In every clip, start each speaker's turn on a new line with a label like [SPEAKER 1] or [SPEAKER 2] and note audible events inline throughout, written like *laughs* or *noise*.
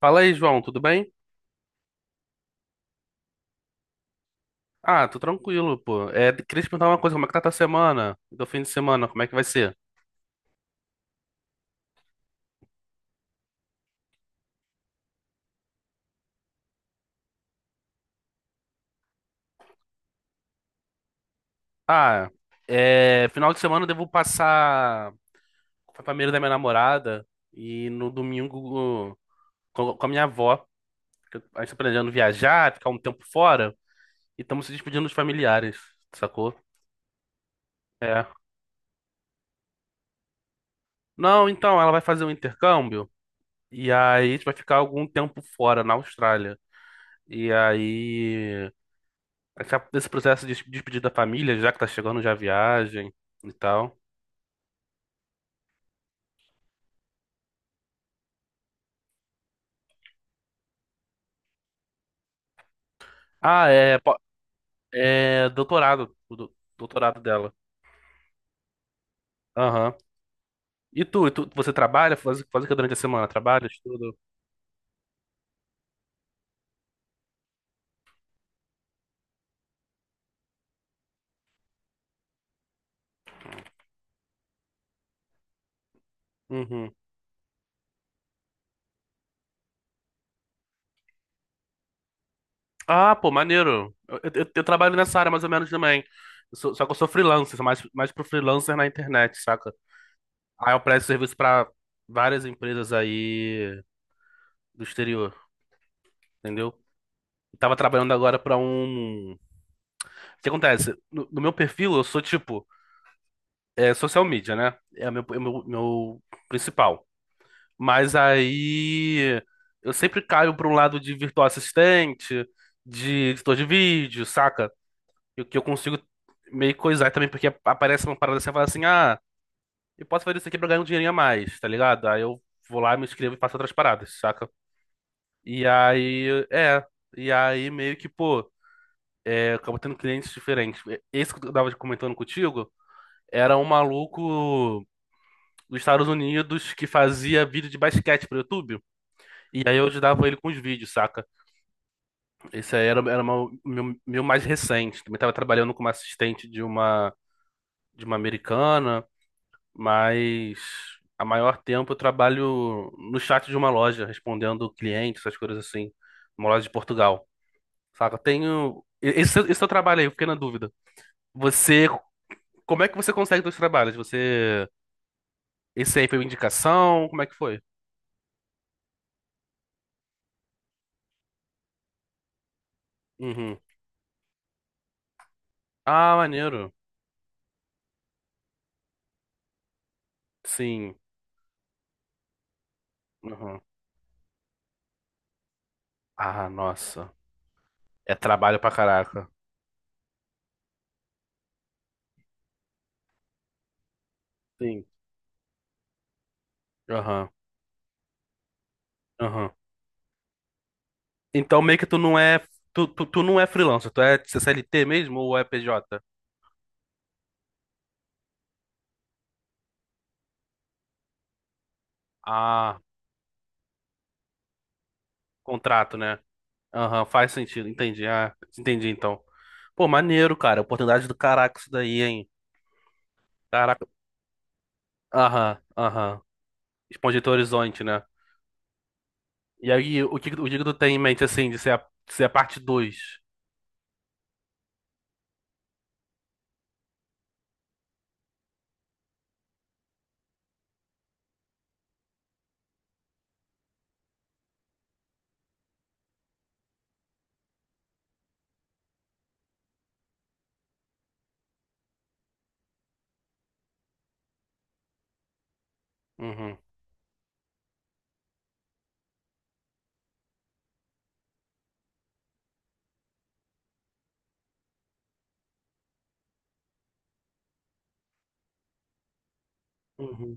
[SPEAKER 1] Fala aí, João, tudo bem? Ah, tô tranquilo, pô. É, queria te perguntar uma coisa, como é que tá tua semana? Do fim de semana, como é que vai ser? Ah, é, final de semana eu devo passar com a família da minha namorada e no domingo com a minha avó. Que A gente tá planejando viajar, ficar um tempo fora e estamos se despedindo dos familiares, sacou? É. Não, então, ela vai fazer um intercâmbio e aí a gente vai ficar algum tempo fora, na Austrália. E aí. Esse processo de despedir da família, já que tá chegando já a viagem e tal. Ah, é, po- é doutorado, doutorado dela. Aham. E tu, você trabalha? Faz, o que durante a semana? Trabalha, estuda? Uhum. Ah, pô, maneiro. Eu trabalho nessa área mais ou menos também. Só que eu sou freelancer, sou mais pro freelancer na internet, saca? Aí eu presto serviço pra várias empresas aí do exterior, entendeu? Eu tava trabalhando agora pra um. O que acontece? No meu perfil, eu sou tipo. É social media, né? É o meu principal. Mas aí eu sempre caio para um lado de virtual assistente, de editor de vídeo, saca? E o que eu consigo meio coisar também, porque aparece uma parada assim e fala assim: ah, eu posso fazer isso aqui pra ganhar um dinheirinho a mais, tá ligado? Aí eu vou lá, me inscrevo e faço outras paradas, saca? E aí, é. E aí meio que, pô, é, acabo tendo clientes diferentes. Esse que eu tava comentando contigo era um maluco dos Estados Unidos que fazia vídeo de basquete pro YouTube. E aí eu ajudava ele com os vídeos, saca? Esse aí era meu mais recente. Também tava trabalhando como assistente de uma americana, mas a maior tempo eu trabalho no chat de uma loja, respondendo clientes, essas coisas assim. Uma loja de Portugal, saca? Eu tenho. Esse seu trabalho aí, eu fiquei na dúvida. Você. Como é que você consegue dois trabalhos? Você. Esse aí foi uma indicação? Como é que foi? Uhum. Ah, maneiro. Sim. Aham. Ah, nossa. É trabalho pra caraca. Sim. Aham. Aham. Então meio que tu não é. Tu não é freelancer, tu é CLT mesmo ou é PJ? Ah, contrato, né? Aham, faz sentido, entendi. Ah, entendi então. Pô, maneiro, cara. Oportunidade do caraca isso daí, hein? Caraca. Aham, aham. Expandir teu horizonte, né? E aí, o que que tu tem em mente, assim, de ser a parte 2? Uhum. Uhum.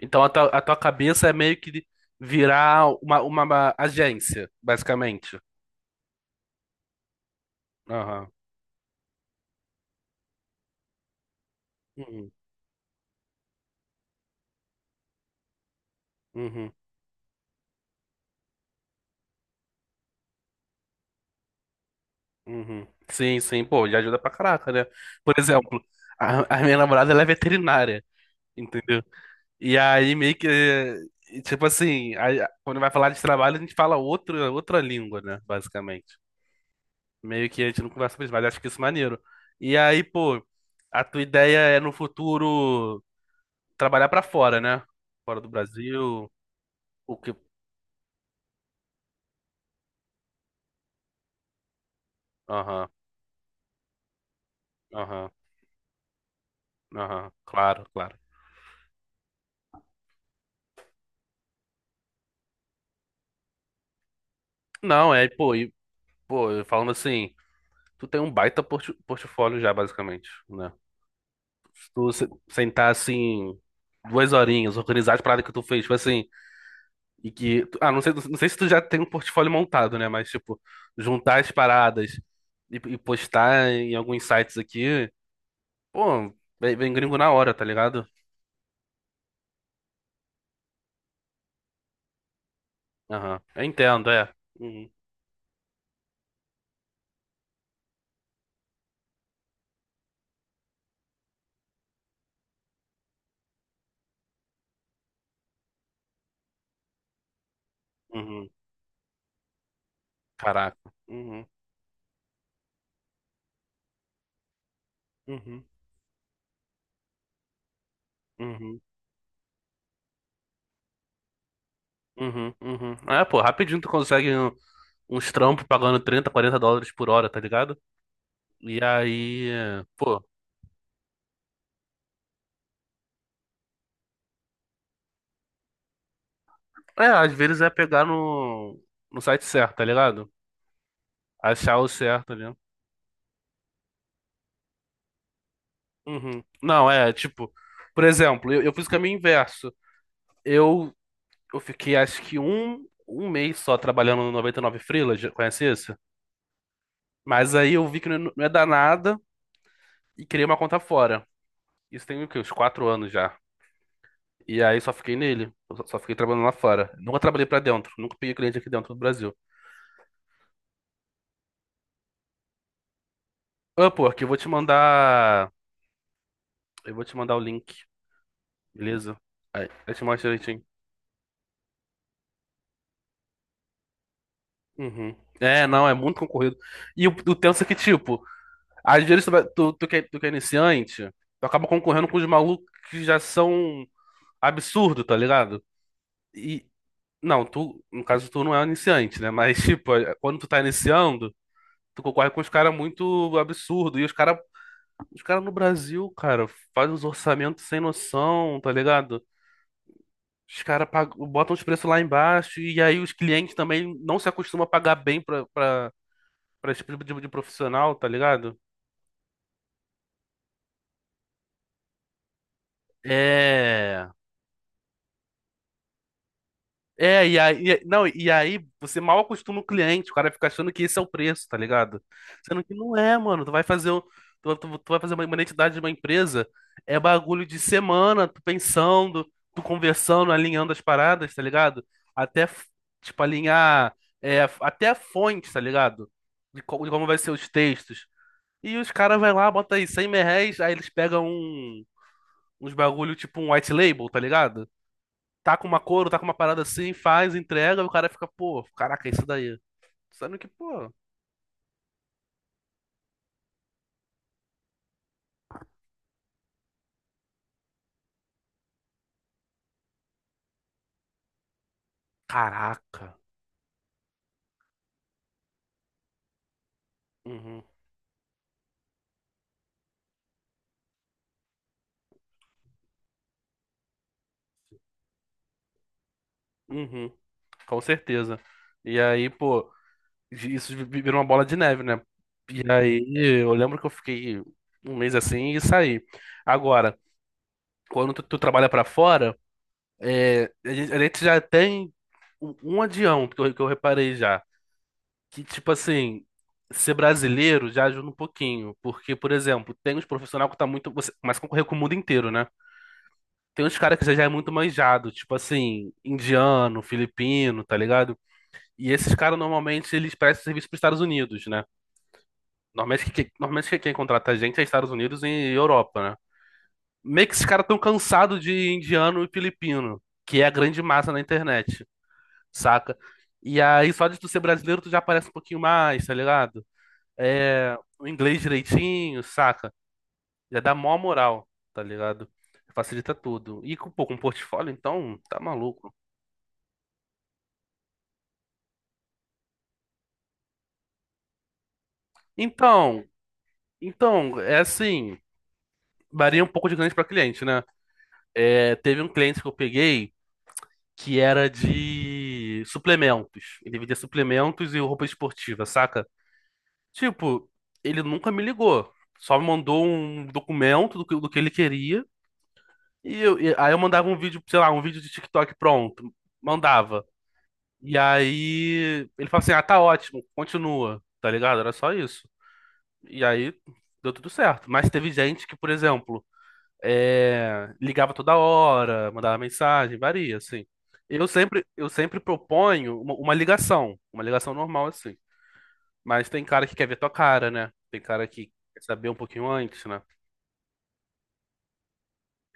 [SPEAKER 1] Então a tua cabeça é meio que virar uma agência, basicamente. Aham. Uhum. Uhum. Uhum. Sim, sim, pô, já ajuda pra caraca, né? Por exemplo, a minha namorada ela é veterinária, entendeu? E aí meio que, tipo assim, aí, quando vai falar de trabalho, a gente fala outra língua, né? Basicamente. Meio que a gente não conversa mais, mas acho que isso é maneiro. E aí, pô, a tua ideia é no futuro trabalhar pra fora, né? Fora do Brasil. O que. Aham, aham, aham. Claro, claro. Não, é, pô, e, pô, falando assim, tu tem um baita portfólio já, basicamente, né? Se tu sentar assim, 2 horinhas, organizar as paradas que tu fez, tipo assim, e que. Ah, não sei se tu já tem um portfólio montado, né? Mas, tipo, juntar as paradas e postar em alguns sites aqui, pô, vem, vem gringo na hora, tá ligado? Aham. Eu entendo, é. Uhum, uhum. Caraca. Uhum, uhum, uhum. Uhum, uhum. Ah, pô, rapidinho tu consegue uns trampos pagando 30, 40 dólares por hora, tá ligado? E aí, pô, é, às vezes é pegar no site certo, tá ligado? Achar o certo ali. Uhum. Não, é, tipo, por exemplo, eu fiz o caminho inverso. Eu, eu fiquei acho que um mês só trabalhando no 99Freelas, já conhece isso? Mas aí eu vi que não, é não é dar nada e criei uma conta fora. Isso tem o quê? Uns 4 anos já. E aí só fiquei nele. Eu só fiquei trabalhando lá fora. Nunca trabalhei pra dentro. Nunca peguei cliente aqui dentro do Brasil. Upwork, eu vou te mandar. Eu vou te mandar o link, beleza? Aí, eu te mostro direitinho. Uhum. É, não, é muito concorrido. E o tenso é que, tipo, às vezes tu, vai- tu, tu que é iniciante, tu acaba concorrendo com os malucos que já são absurdo, tá ligado? E. Não, tu, no caso, tu não é um iniciante, né? Mas, *laughs* tipo, quando tu tá iniciando, tu concorre com os caras muito absurdo. Os caras no Brasil, cara, faz os orçamentos sem noção, tá ligado? Os caras botam os preços lá embaixo e aí os clientes também não se acostumam a pagar bem pra esse tipo de profissional, tá ligado? É. É, e aí, não, e aí você mal acostuma o cliente, o cara fica achando que esse é o preço, tá ligado? Sendo que não é, mano. Tu vai fazer uma identidade de uma empresa, é bagulho de semana, tu pensando, tu conversando, alinhando as paradas, tá ligado? Até, tipo, alinhar, é, até a fonte, tá ligado? De como vai ser os textos. E os caras vai lá, bota aí 100 mil reais, aí eles pegam uns bagulho, tipo um white label, tá ligado? Tá com uma cor, tá com uma parada assim, faz, entrega, o cara fica, pô, caraca, é isso daí. Sendo que, pô, caraca. Uhum, uhum, com certeza. E aí, pô, isso virou uma bola de neve, né? E aí, eu lembro que eu fiquei um mês assim e saí. Agora, quando tu trabalha pra fora, é, a gente já tem um adião que eu reparei já. Que, tipo assim, ser brasileiro já ajuda um pouquinho. Porque, por exemplo, tem uns profissionais que tá muito. Você começa a concorrer com o mundo inteiro, né? Tem uns caras que já é muito manjado, tipo assim, indiano, filipino, tá ligado? E esses caras normalmente eles prestam serviço pros Estados Unidos, né? Normalmente, quem contrata a gente é Estados Unidos e Europa, né? Meio que esses caras tão cansados de indiano e filipino, que é a grande massa na internet, saca? E aí, só de tu ser brasileiro, tu já aparece um pouquinho mais, tá ligado? O inglês direitinho, saca? Já dá mó moral, tá ligado? Facilita tudo. E com, pô, com portfólio, então, tá maluco. Então, então, é assim, varia um pouco de cliente pra cliente, né? É, teve um cliente que eu peguei que era de suplementos. Ele vendia suplementos e roupa esportiva, saca? Tipo, ele nunca me ligou. Só me mandou um documento do que ele queria. E aí eu mandava um vídeo, sei lá, um vídeo de TikTok pronto. Mandava. E aí ele falou assim: ah, tá ótimo, continua, tá ligado? Era só isso. E aí deu tudo certo. Mas teve gente que, por exemplo, ligava toda hora, mandava mensagem, varia, assim. Eu sempre proponho uma ligação, uma ligação normal, assim. Mas tem cara que quer ver tua cara, né? Tem cara que quer saber um pouquinho antes, né?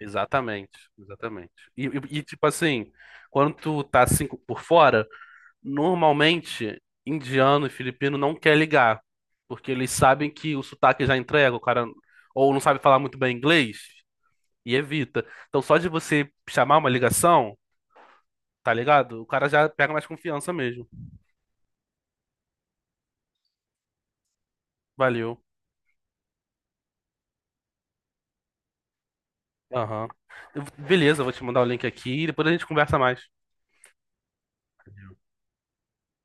[SPEAKER 1] Exatamente, exatamente. E, tipo assim, quando tu tá assim por fora. Normalmente, indiano e filipino não quer ligar, porque eles sabem que o sotaque já entrega, o cara ou não sabe falar muito bem inglês e evita. Então, só de você chamar uma ligação, tá ligado? O cara já pega mais confiança mesmo. Valeu. Aham. Beleza, eu vou te mandar o link aqui e depois a gente conversa mais.